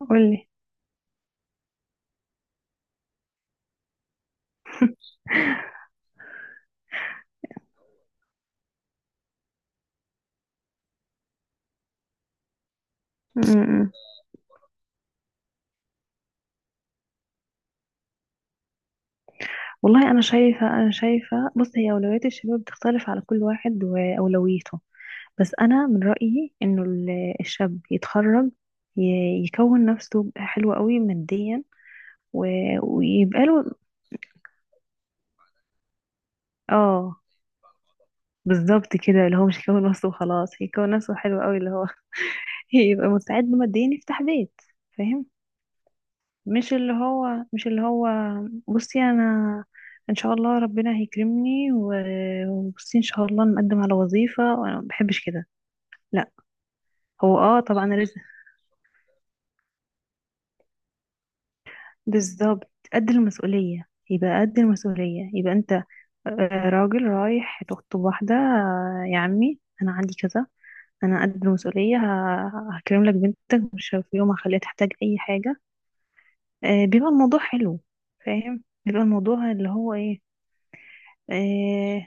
قولي. م- م. والله انا شايفه. بص، هي اولويات الشباب بتختلف على كل واحد واولويته. بس انا من رايي انه الشاب يتخرج، يكون نفسه حلو قوي ماديا ويبقى له. اه، بالظبط كده. اللي هو مش يكون نفسه وخلاص، يكون نفسه حلو قوي، اللي هو يبقى مستعد ماديا يفتح بيت. فاهم؟ مش اللي هو. بصي انا، ان شاء الله ربنا هيكرمني وبصي ان شاء الله نقدم على وظيفة، وانا ما بحبش كده، لا. هو اه، طبعا رزق. بالظبط قد المسؤولية، يبقى قد المسؤولية، يبقى انت. راجل رايح تخطب واحدة، يا عمي انا عندي كذا. انا قد المسؤولية، هكرم لك بنتك، مش في يوم هخليها تحتاج اي حاجة. بيبقى الموضوع حلو. فاهم؟ بيبقى الموضوع اللي هو ايه. آه،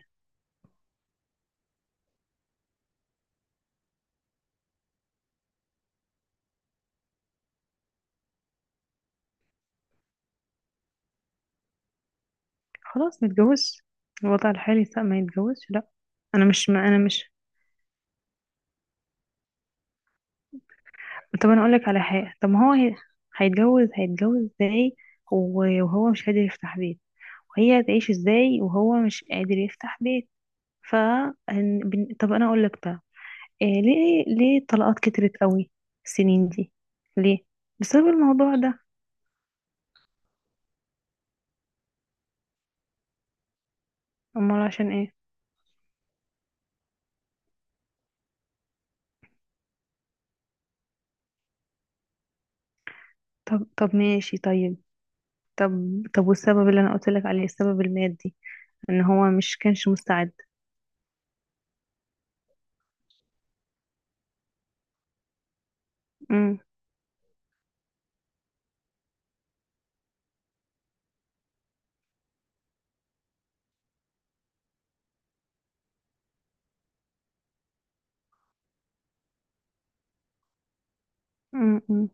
خلاص ما يتجوزش. الوضع الحالي لا، ما يتجوزش، لا. انا مش، ما انا مش. طب انا اقول لك على حاجه. طب ما هو هي. هيتجوز ازاي وهو مش قادر يفتح بيت؟ وهي هتعيش ازاي وهو مش قادر يفتح بيت؟ ف، طب انا اقول لك بقى، إيه، ليه الطلاقات كترت قوي السنين دي؟ ليه؟ بسبب الموضوع ده. امال عشان ايه؟ طب طب، ماشي، طيب. طب طب، والسبب اللي انا قلت لك عليه، السبب المادي، ان هو مش كانش مستعد. م- م-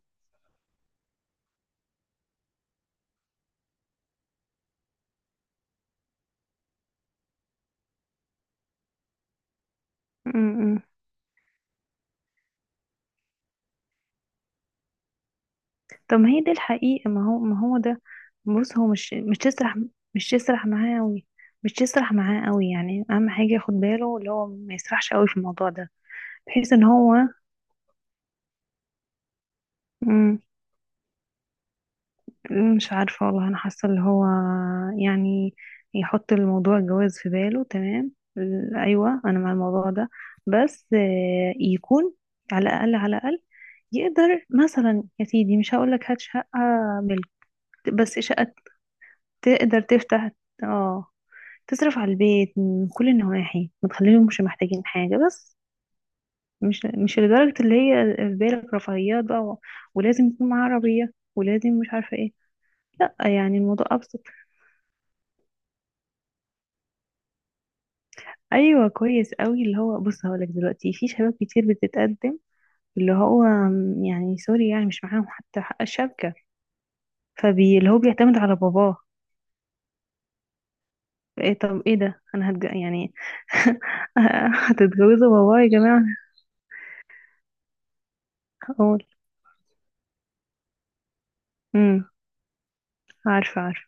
م- م. طب ما هي دي الحقيقة. ما هو ما هو ده. بص، هو مش تسرح، مش تسرح معاه قوي، مش تسرح معاه قوي، يعني اهم حاجة ياخد باله اللي هو ما يسرحش قوي في الموضوع ده، بحيث ان هو م، مش عارفة. والله انا حاسة اللي هو يعني يحط الموضوع الجواز في باله، تمام. ايوه انا مع الموضوع ده، بس يكون على الاقل، على الاقل يقدر مثلا، يا سيدي مش هقول لك هات شقة ملك، بس شقة تقدر تفتح، اه، تصرف على البيت من كل النواحي، ما تخليهمش محتاجين حاجة، بس مش لدرجة اللي هي في بالك رفاهيات بقى، ولازم يكون معاه عربية ولازم مش عارفة ايه. لا، يعني الموضوع أبسط. أيوة كويس قوي. اللي هو بص هقولك دلوقتي في شباب كتير بتتقدم، اللي هو يعني سوري، يعني مش معاهم حتى حق الشبكة، فبي اللي هو بيعتمد على باباه. ايه طب ايه ده؟ يعني هتتجوزوا باباه يا جماعة؟ اقول. عارفة عارفة.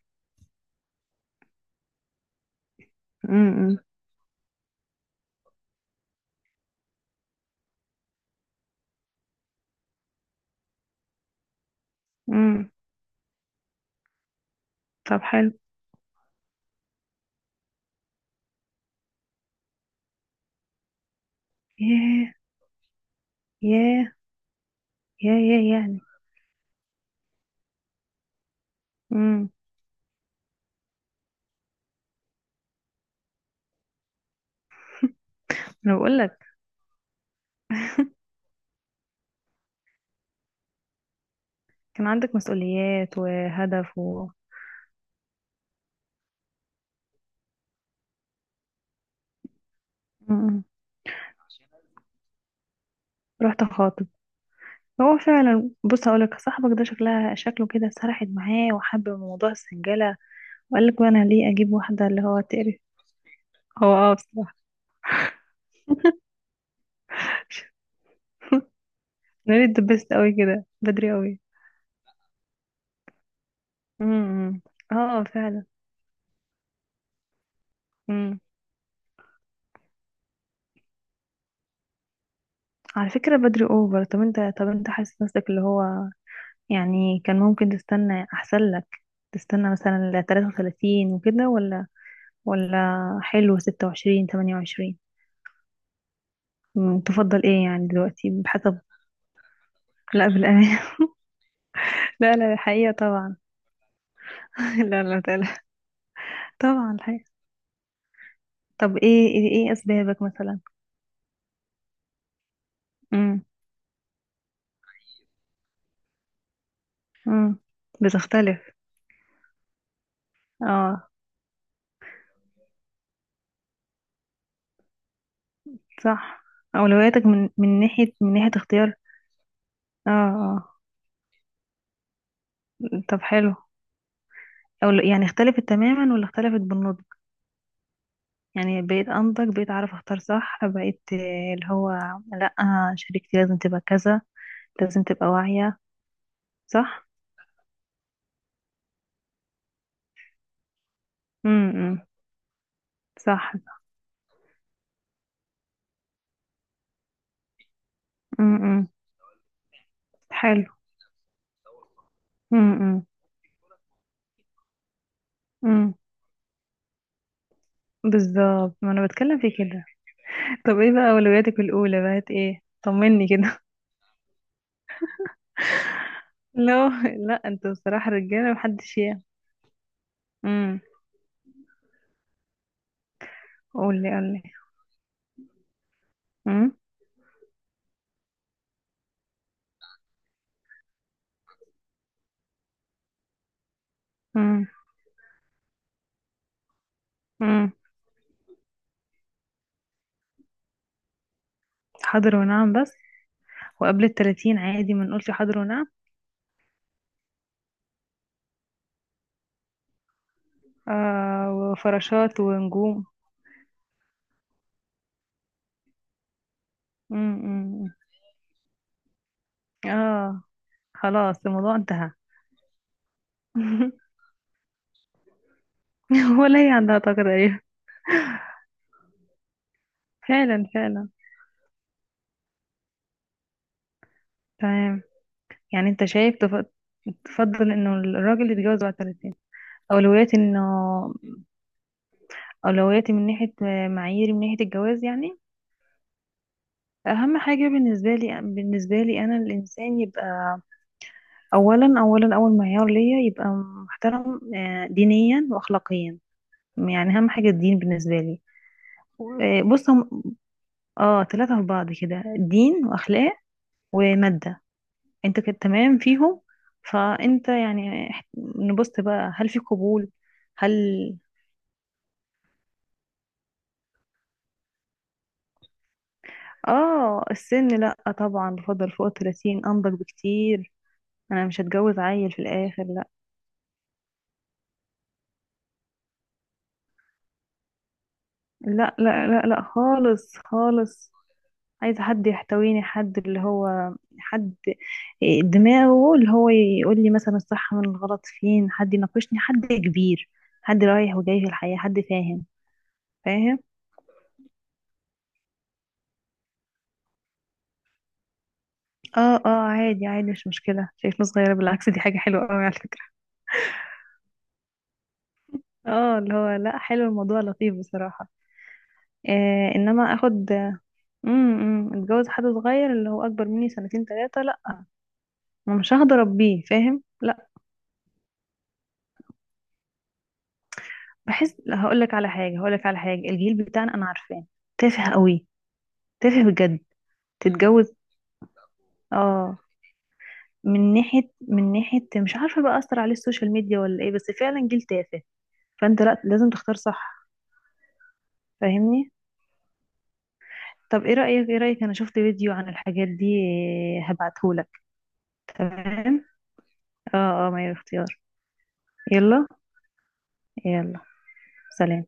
امم امم طب حلو. ياه ياه ياه ياه يعني. امم انا بقول لك كان عندك مسؤوليات وهدف و. امم رحت خاطب. هو فعلا، بص هقول لك، صاحبك ده شكلها شكله كده سرحت معاه وحب موضوع السنجلة، وقال لك بقى انا ليه اجيب واحدة اللي هو تقرف. هو اه بصراحة. انا ليه اتدبست قوي كده بدري قوي؟ امم. اه، فعلا. امم. على فكرة بدري اوفر. طب انت، طب انت حاسس نفسك اللي هو يعني كان ممكن تستنى احسن لك؟ تستنى مثلا ل 33 وكده؟ ولا حلو 26 28؟ تفضل ايه يعني دلوقتي بحسب. لا، بالأمان. لا لا، الحقيقة طبعا. لا لا لا. طبعا الحقيقة. طب ايه، إيه اسبابك مثلا؟ امم. امم. بتختلف. اه، صح. اولوياتك من ناحية، من ناحية اختيار. اه اه. طب حلو. أو يعني اختلفت تماما ولا اختلفت بالنص؟ يعني بقيت انضج، بقيت اعرف اختار صح، بقيت اللي هو لا، شريكتي لازم تبقى كذا، لازم تبقى واعية. صح. امم. صح. امم. حلو. امم. امم. بالظبط. ما انا بتكلم في كده. طب ايه بقى اولوياتك الاولى بقت ايه؟ طمني كده. لا لا، انتوا بصراحة رجالة محدش يعني. امم. قولي قولي. امم. امم. امم. حاضر ونعم بس. وقبل التلاتين عادي ما نقولش حاضر ونعم؟ آه وفراشات ونجوم. امم. اه. خلاص الموضوع انتهى. ولا هي عندها طاقة تقريبا. فعلا فعلا. تمام. يعني انت شايف تفضل انه الراجل يتجوز بعد 30. اولويات انه اولوياتي من ناحية، معاييري من ناحية الجواز يعني. اهم حاجة بالنسبة لي، بالنسبة لي انا الانسان يبقى اولا، اولا اول معيار ليا يبقى محترم، دينيا واخلاقيا، يعني اهم حاجة الدين بالنسبة لي. بص هم. اه، ثلاثة في بعض كده، دين واخلاق ومادة. انت كنت تمام فيهم. فانت يعني نبص بقى هل في قبول؟ هل. اه، السن لا طبعا، بفضل فوق الثلاثين، انضج بكتير. انا مش هتجوز عيل في الاخر، لا. لا لا لا لا خالص خالص. عايزة حد يحتويني، حد اللي هو حد دماغه اللي هو يقول لي مثلا الصح من الغلط، فين حد يناقشني، حد كبير، حد رايح وجاي في الحياة، حد فاهم. فاهم. اه اه، عادي عادي، مش مشكلة شايفنا صغيرة، بالعكس دي حاجة حلوة قوي على فكرة. اه، اللي هو لا، حلو الموضوع، لطيف بصراحة. انما اخد. اتجوز حد صغير اللي هو اكبر مني سنتين ثلاثة؟ لا. ما مش هقدر اربيه. فاهم؟ لا. بحس، هقول لك على حاجة، هقول لك على حاجة، الجيل بتاعنا انا عارفاه تافه قوي، تافه بجد. تتجوز. اه. من ناحية، من ناحية مش عارفة بقى اثر عليه السوشيال ميديا ولا ايه، بس فعلا جيل تافه. فانت لا، لازم تختار صح. فاهمني؟ طب ايه رأيك، ايه رأيك، انا شفت فيديو عن الحاجات دي، هبعتهولك. تمام. اه اه، ما هي اختيار. يلا. يلا سلام.